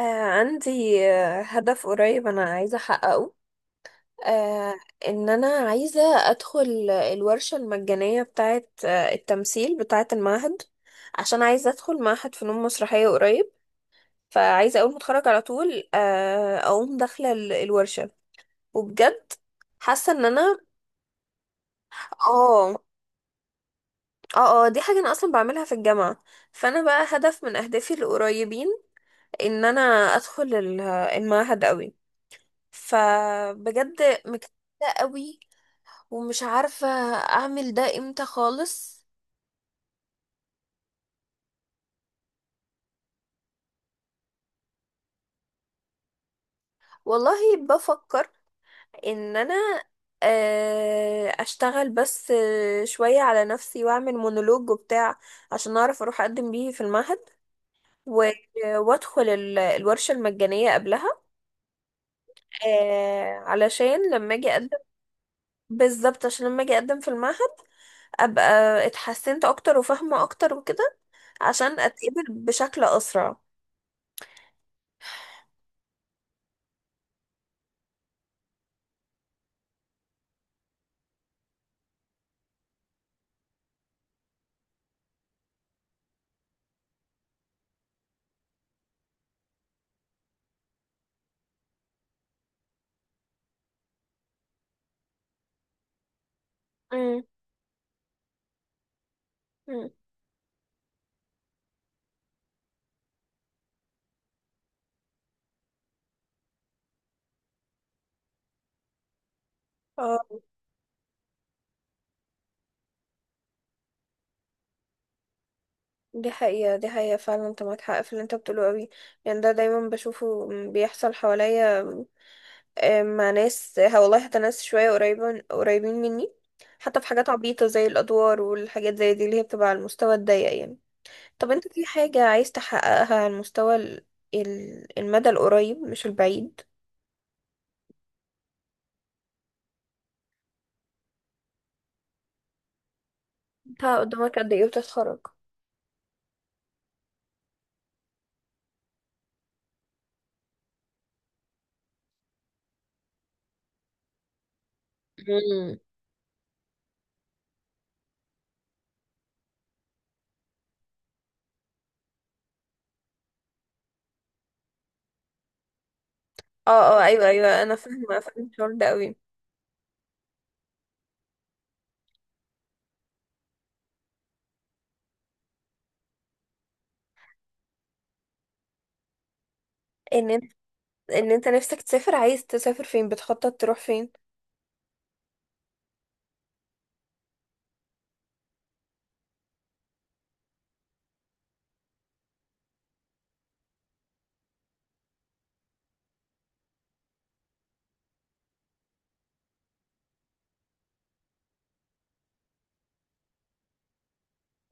آه عندي هدف قريب، أنا عايزة أحققه. آه إن أنا عايزة أدخل الورشة المجانية بتاعة التمثيل بتاعة المعهد، عشان عايزة أدخل معهد فنون مسرحية قريب، فعايزة أول ما أتخرج على طول أقوم داخلة الورشة. وبجد حاسة إن أنا اه اه دي حاجة أنا أصلا بعملها في الجامعة، فأنا بقى هدف من أهدافي القريبين إن أنا أدخل المعهد أوي. فبجد مكتئبة قوي، ومش عارفة اعمل ده امتى خالص. والله بفكر ان انا اشتغل بس شوية على نفسي واعمل مونولوج وبتاع، عشان اعرف اروح اقدم بيه في المعهد، و- وادخل الورشة المجانية قبلها. علشان لما اجي اقدم بالظبط، عشان لما اجي اقدم في المعهد ابقى اتحسنت اكتر وفاهمة اكتر وكده، عشان اتقبل بشكل اسرع. مم. اه، دي حقيقة، دي حقيقة فعلا، انت معاك حق في اللي انت بتقوله قوي. يعني ده دايما بشوفه بيحصل حواليا، مع ناس، والله حتى ناس شوية قريبة قريبين مني، حتى في حاجات عبيطة زي الأدوار والحاجات زي دي اللي هي بتبقى على المستوى الضيق يعني. طب انت في حاجة عايز تحققها على المستوى المدى القريب مش البعيد؟ انت قدامك قد ايه وتتخرج؟ مم. اه، اه، ايوه، ايوه، انا فاهمة، فاهمة الشعور ده قوي. ان انت ان انت نفسك تسافر، عايز تسافر فين؟ بتخطط تروح فين؟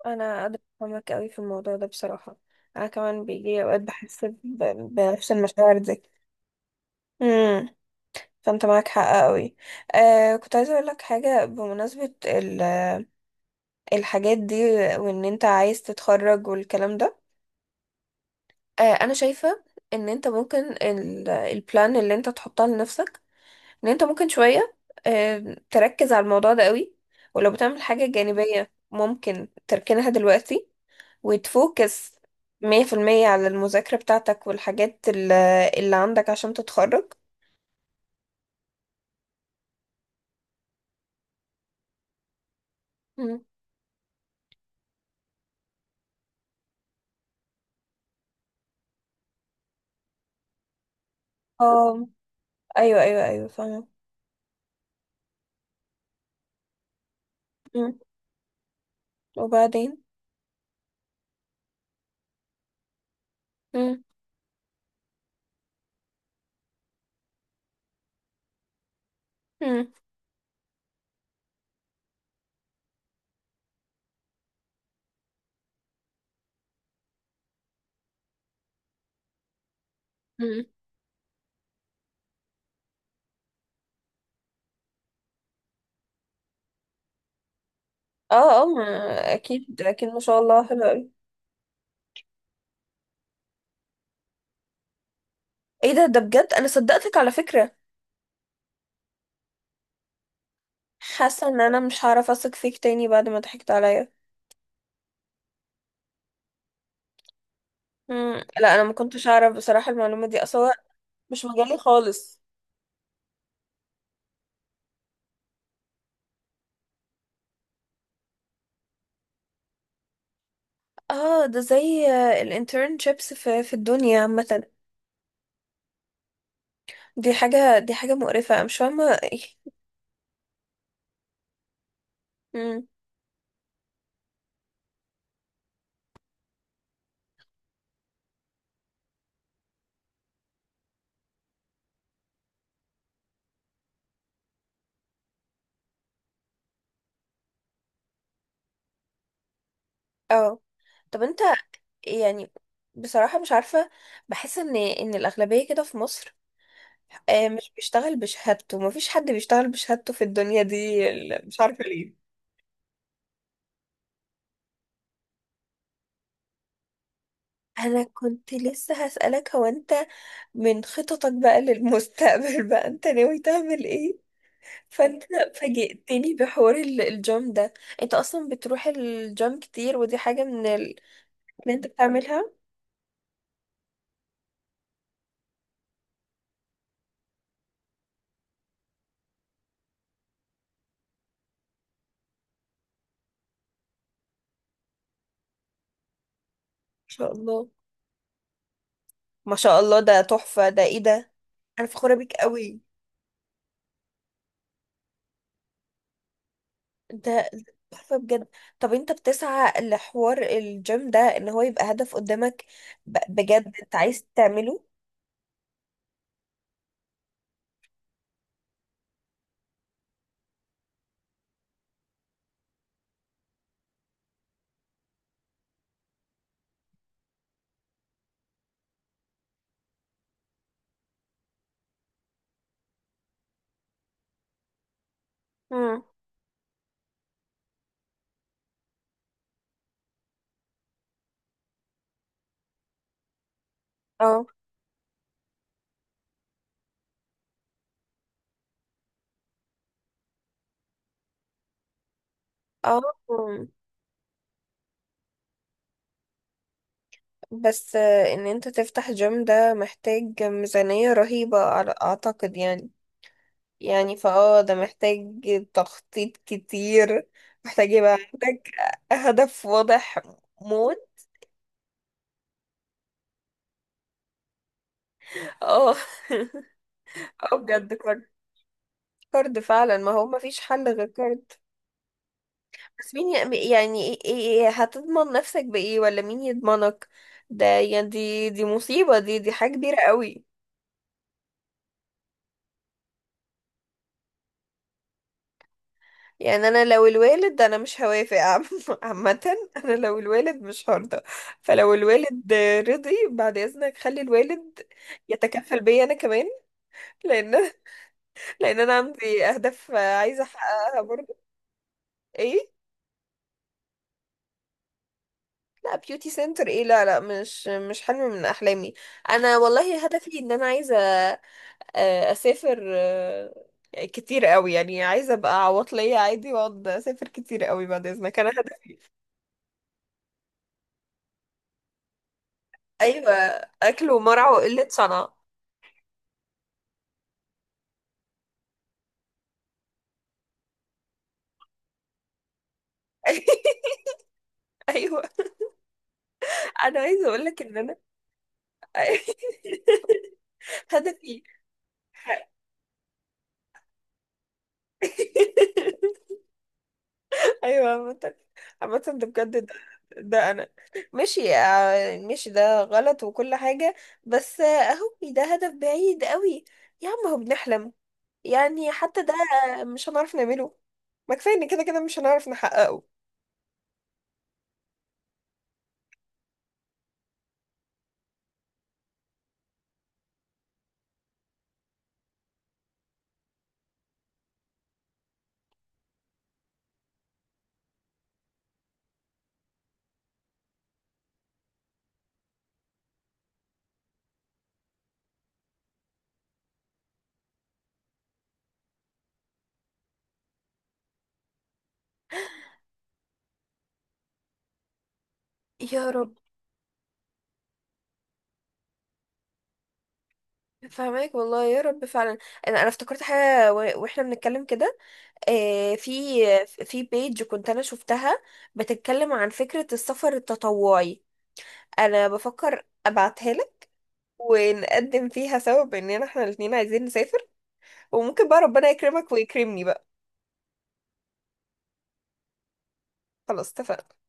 انا قادرة افهمك قوي في الموضوع ده، بصراحة انا كمان بيجي اوقات بحس بنفس المشاعر دي. امم فانت معاك حق قوي. كنت عايزة اقول لك حاجة بمناسبة الحاجات دي، وان انت عايز تتخرج والكلام ده. انا شايفة ان انت ممكن البلان اللي انت تحطها لنفسك، ان انت ممكن شوية تركز على الموضوع ده قوي، ولو بتعمل حاجة جانبية ممكن تركنها دلوقتي وتفوكس 100% على المذاكرة بتاعتك والحاجات اللي عندك عشان تتخرج. مم. اه، ايوه، ايوه، ايوه، فاهمة. مم. وبعدين. مم. مم. مم. اه، اه، اكيد اكيد ما شاء الله، حلو اوي. ايه ده بجد؟ انا صدقتك على فكرة. حاسة ان انا مش هعرف اثق فيك تاني بعد ما ضحكت عليا. مم. لا، انا ما كنتش اعرف بصراحة المعلومة دي اصلا، مش مجالي خالص. اه، ده زي الانترنشيبس في الدنيا عامة. دي حاجة، دي حاجة مقرفة، أنا مش فاهمة ايه. مم. اه. طب انت يعني بصراحة مش عارفة، بحس ان الأغلبية كده في مصر مش بيشتغل بشهادته، مفيش حد بيشتغل بشهادته في الدنيا دي، مش عارفة ليه. انا كنت لسه هسألك، هو انت من خططك بقى للمستقبل بقى انت ناوي تعمل ايه؟ فانت فاجئتني بحوار الجيم ده. انت اصلا بتروح الجيم كتير، ودي حاجة من اللي انت بتعملها، ما شاء الله. ما شاء الله، ده تحفة، ده ايه ده؟ انا فخورة بيك قوي. ده تحفة بجد. طب انت بتسعى لحوار الجيم ده ان هو يبقى هدف قدامك؟ بجد انت عايز تعمله؟ امم. اه، اه. مم. بس ان انت تفتح جيم ده محتاج ميزانية رهيبة اعتقد يعني. يعني فاه ده محتاج تخطيط كتير، محتاج يبقى عندك هدف واضح، موت. اه. اه بجد. كارد فعلا، ما هو ما فيش حل غير كارد. بس مين، يعني إيه هتضمن نفسك بإيه ولا مين يضمنك؟ ده يعني دي مصيبة، دي حاجة كبيرة قوي. يعني انا لو الوالد انا مش هوافق عامة، انا لو الوالد مش هرضى، فلو الوالد رضي بعد اذنك خلي الوالد يتكفل بيا انا كمان، لان لان انا عندي اهداف عايزة احققها برضه. ايه؟ لا بيوتي سنتر، ايه؟ لا، لا، مش حلم من احلامي. انا والله هدفي ان انا عايزه اسافر كتير قوي، يعني عايزه ابقى عواطليه عادي واقعد اسافر كتير قوي، بعد اذنك انا هدف. ايوه، اكل ومرع وقله صنع. ايوه، انا عايزه اقول لك ان انا هدفي ايوه. عامة ده بجد، ده انا ماشي ده غلط وكل حاجة، بس اهو ده هدف بعيد قوي. يا عم هو بنحلم يعني، حتى ده مش هنعرف نعمله، ما كفايه ان كده كده مش هنعرف نحققه. يا رب، فهماك والله يا رب فعلا. انا افتكرت حاجه واحنا بنتكلم كده آه، في في بيج كنت انا شفتها بتتكلم عن فكره السفر التطوعي، انا بفكر ابعتها ونقدم فيها سوا باننا احنا الاتنين عايزين نسافر، وممكن بقى ربنا يكرمك ويكرمني بقى. خلاص، اتفقنا.